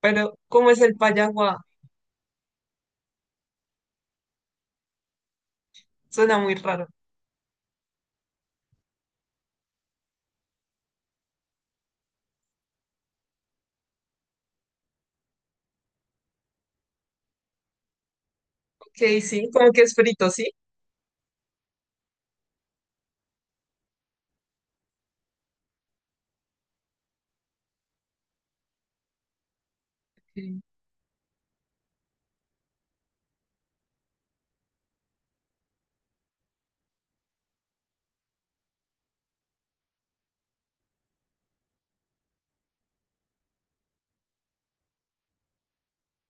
Pero, ¿cómo es el payaguá? Suena muy raro. Ok, sí, como que es frito, ¿sí? Sí.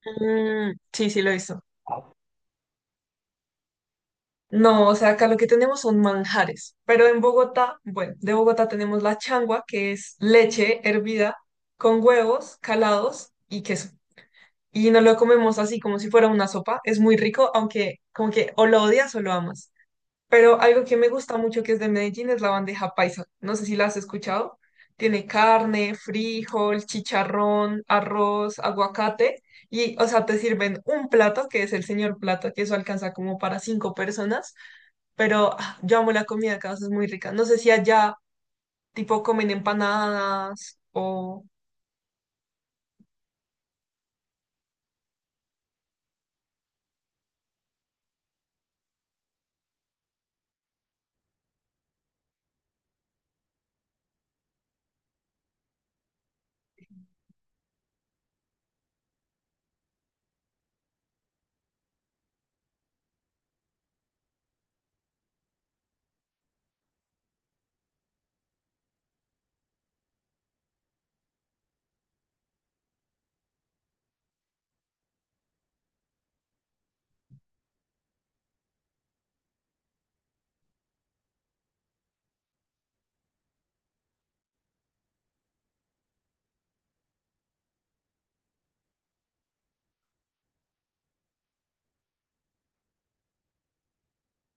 Mm, sí, sí, lo hizo. No, o sea, acá lo que tenemos son manjares, pero en Bogotá, bueno, de Bogotá tenemos la changua, que es leche hervida con huevos calados y queso. Y nos lo comemos así como si fuera una sopa. Es muy rico, aunque como que o lo odias o lo amas. Pero algo que me gusta mucho que es de Medellín es la bandeja paisa. No sé si la has escuchado. Tiene carne, frijol, chicharrón, arroz, aguacate. Y, o sea, te sirven un plato, que es el señor plato, que eso alcanza como para cinco personas. Pero ah, yo amo la comida acá, o sea, es muy rica. No sé si allá, tipo, comen empanadas o...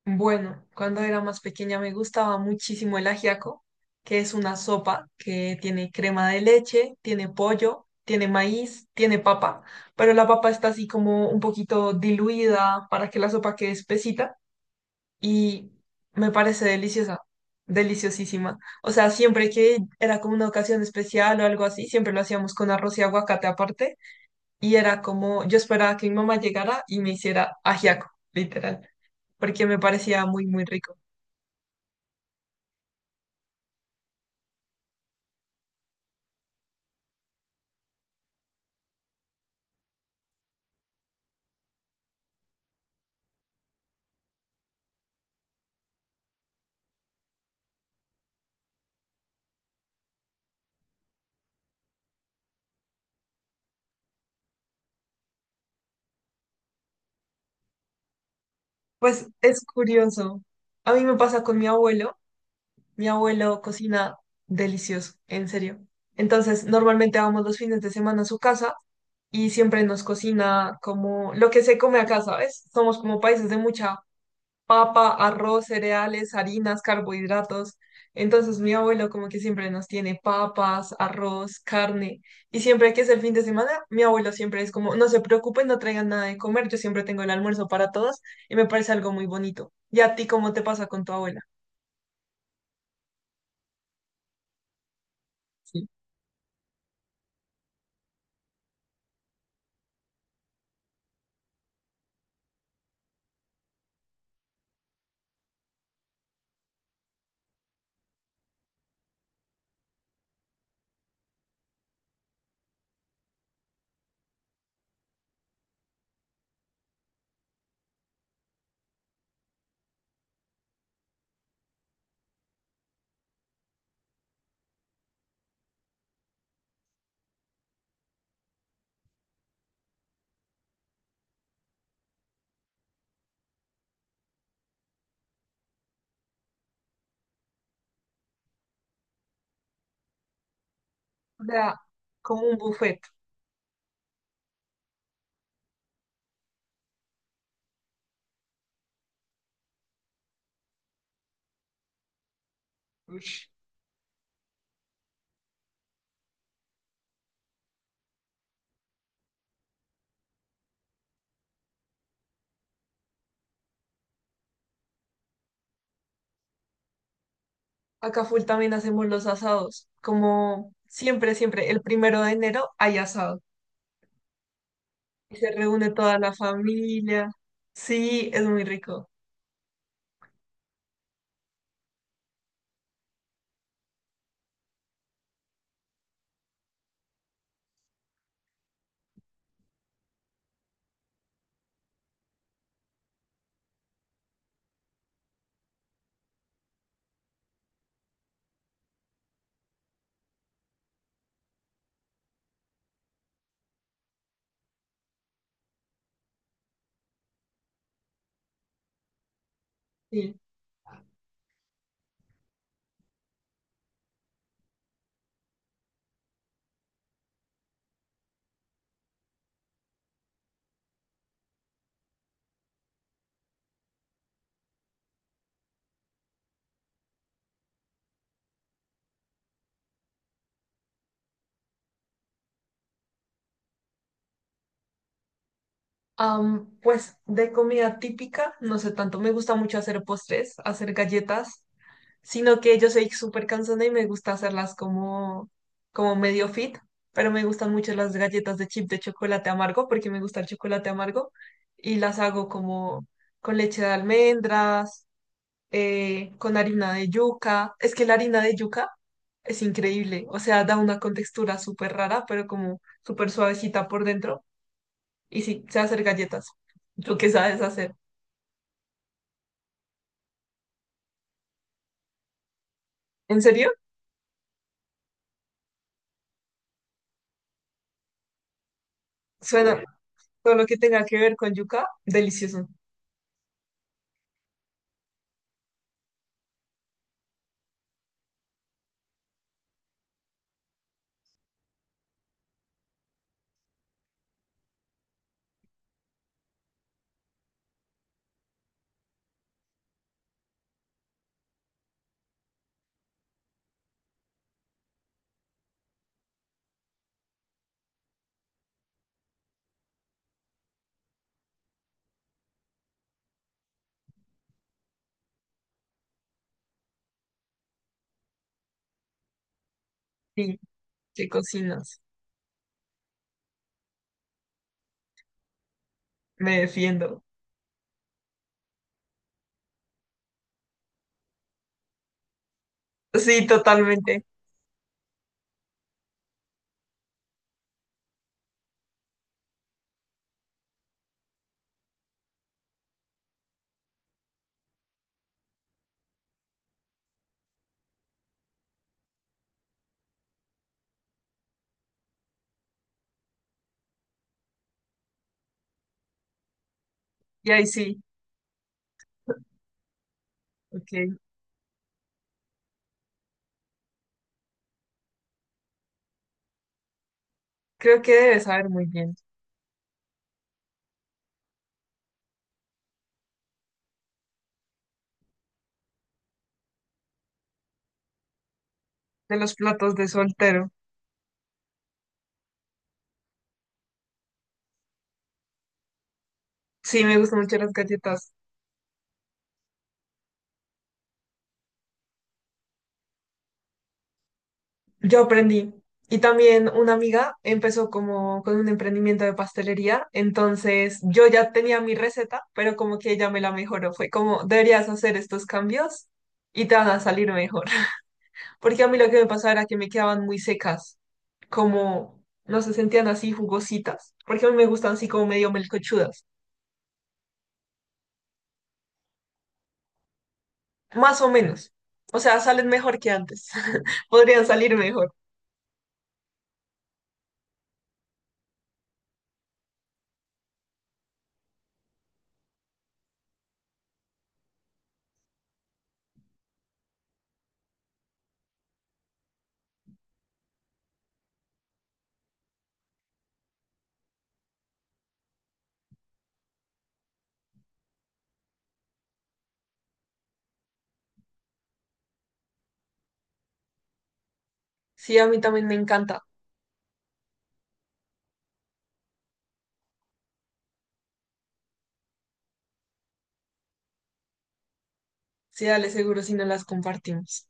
Bueno, cuando era más pequeña me gustaba muchísimo el ajiaco, que es una sopa que tiene crema de leche, tiene pollo, tiene maíz, tiene papa, pero la papa está así como un poquito diluida para que la sopa quede espesita y me parece deliciosa, deliciosísima. O sea, siempre que era como una ocasión especial o algo así, siempre lo hacíamos con arroz y aguacate aparte y era como yo esperaba que mi mamá llegara y me hiciera ajiaco, literal, porque me parecía muy, muy rico. Pues es curioso. A mí me pasa con mi abuelo. Mi abuelo cocina delicioso, en serio. Entonces, normalmente vamos los fines de semana a su casa y siempre nos cocina como lo que se come acá, ¿sabes? Somos como países de mucha papa, arroz, cereales, harinas, carbohidratos. Entonces mi abuelo como que siempre nos tiene papas, arroz, carne. Y siempre que es el fin de semana, mi abuelo siempre es como, no se preocupen, no traigan nada de comer, yo siempre tengo el almuerzo para todos y me parece algo muy bonito. ¿Y a ti cómo te pasa con tu abuela? Sí. O sea, como un buffet. Ush. Acá full también hacemos los asados. Como siempre, siempre, el primero de enero hay asado. Y se reúne toda la familia. Sí, es muy rico. Sí. Am, pues de comida típica, no sé tanto, me gusta mucho hacer postres, hacer galletas, sino que yo soy súper cansona y me gusta hacerlas como, como medio fit, pero me gustan mucho las galletas de chip de chocolate amargo porque me gusta el chocolate amargo y las hago como con leche de almendras, con harina de yuca. Es que la harina de yuca es increíble, o sea, da una contextura súper rara, pero como súper suavecita por dentro. Y sí, sé hacer galletas. ¿Tú qué sabes hacer? ¿En serio? Suena todo lo que tenga que ver con yuca, delicioso. Sí, ¿qué cocinas? Me defiendo. Sí, totalmente. Y ahí sí. Ok. Creo que debes saber muy bien de los platos de soltero. Sí, me gustan mucho las galletas. Yo aprendí. Y también una amiga empezó como con un emprendimiento de pastelería, entonces yo ya tenía mi receta, pero como que ella me la mejoró. Fue como, deberías hacer estos cambios y te van a salir mejor. Porque a mí lo que me pasaba era que me quedaban muy secas, como no se sentían así jugositas, porque a mí me gustan así como medio melcochudas, más o menos. O sea, salen mejor que antes, podrían salir mejor. Sí, a mí también me encanta. Sí, dale seguro si no las compartimos.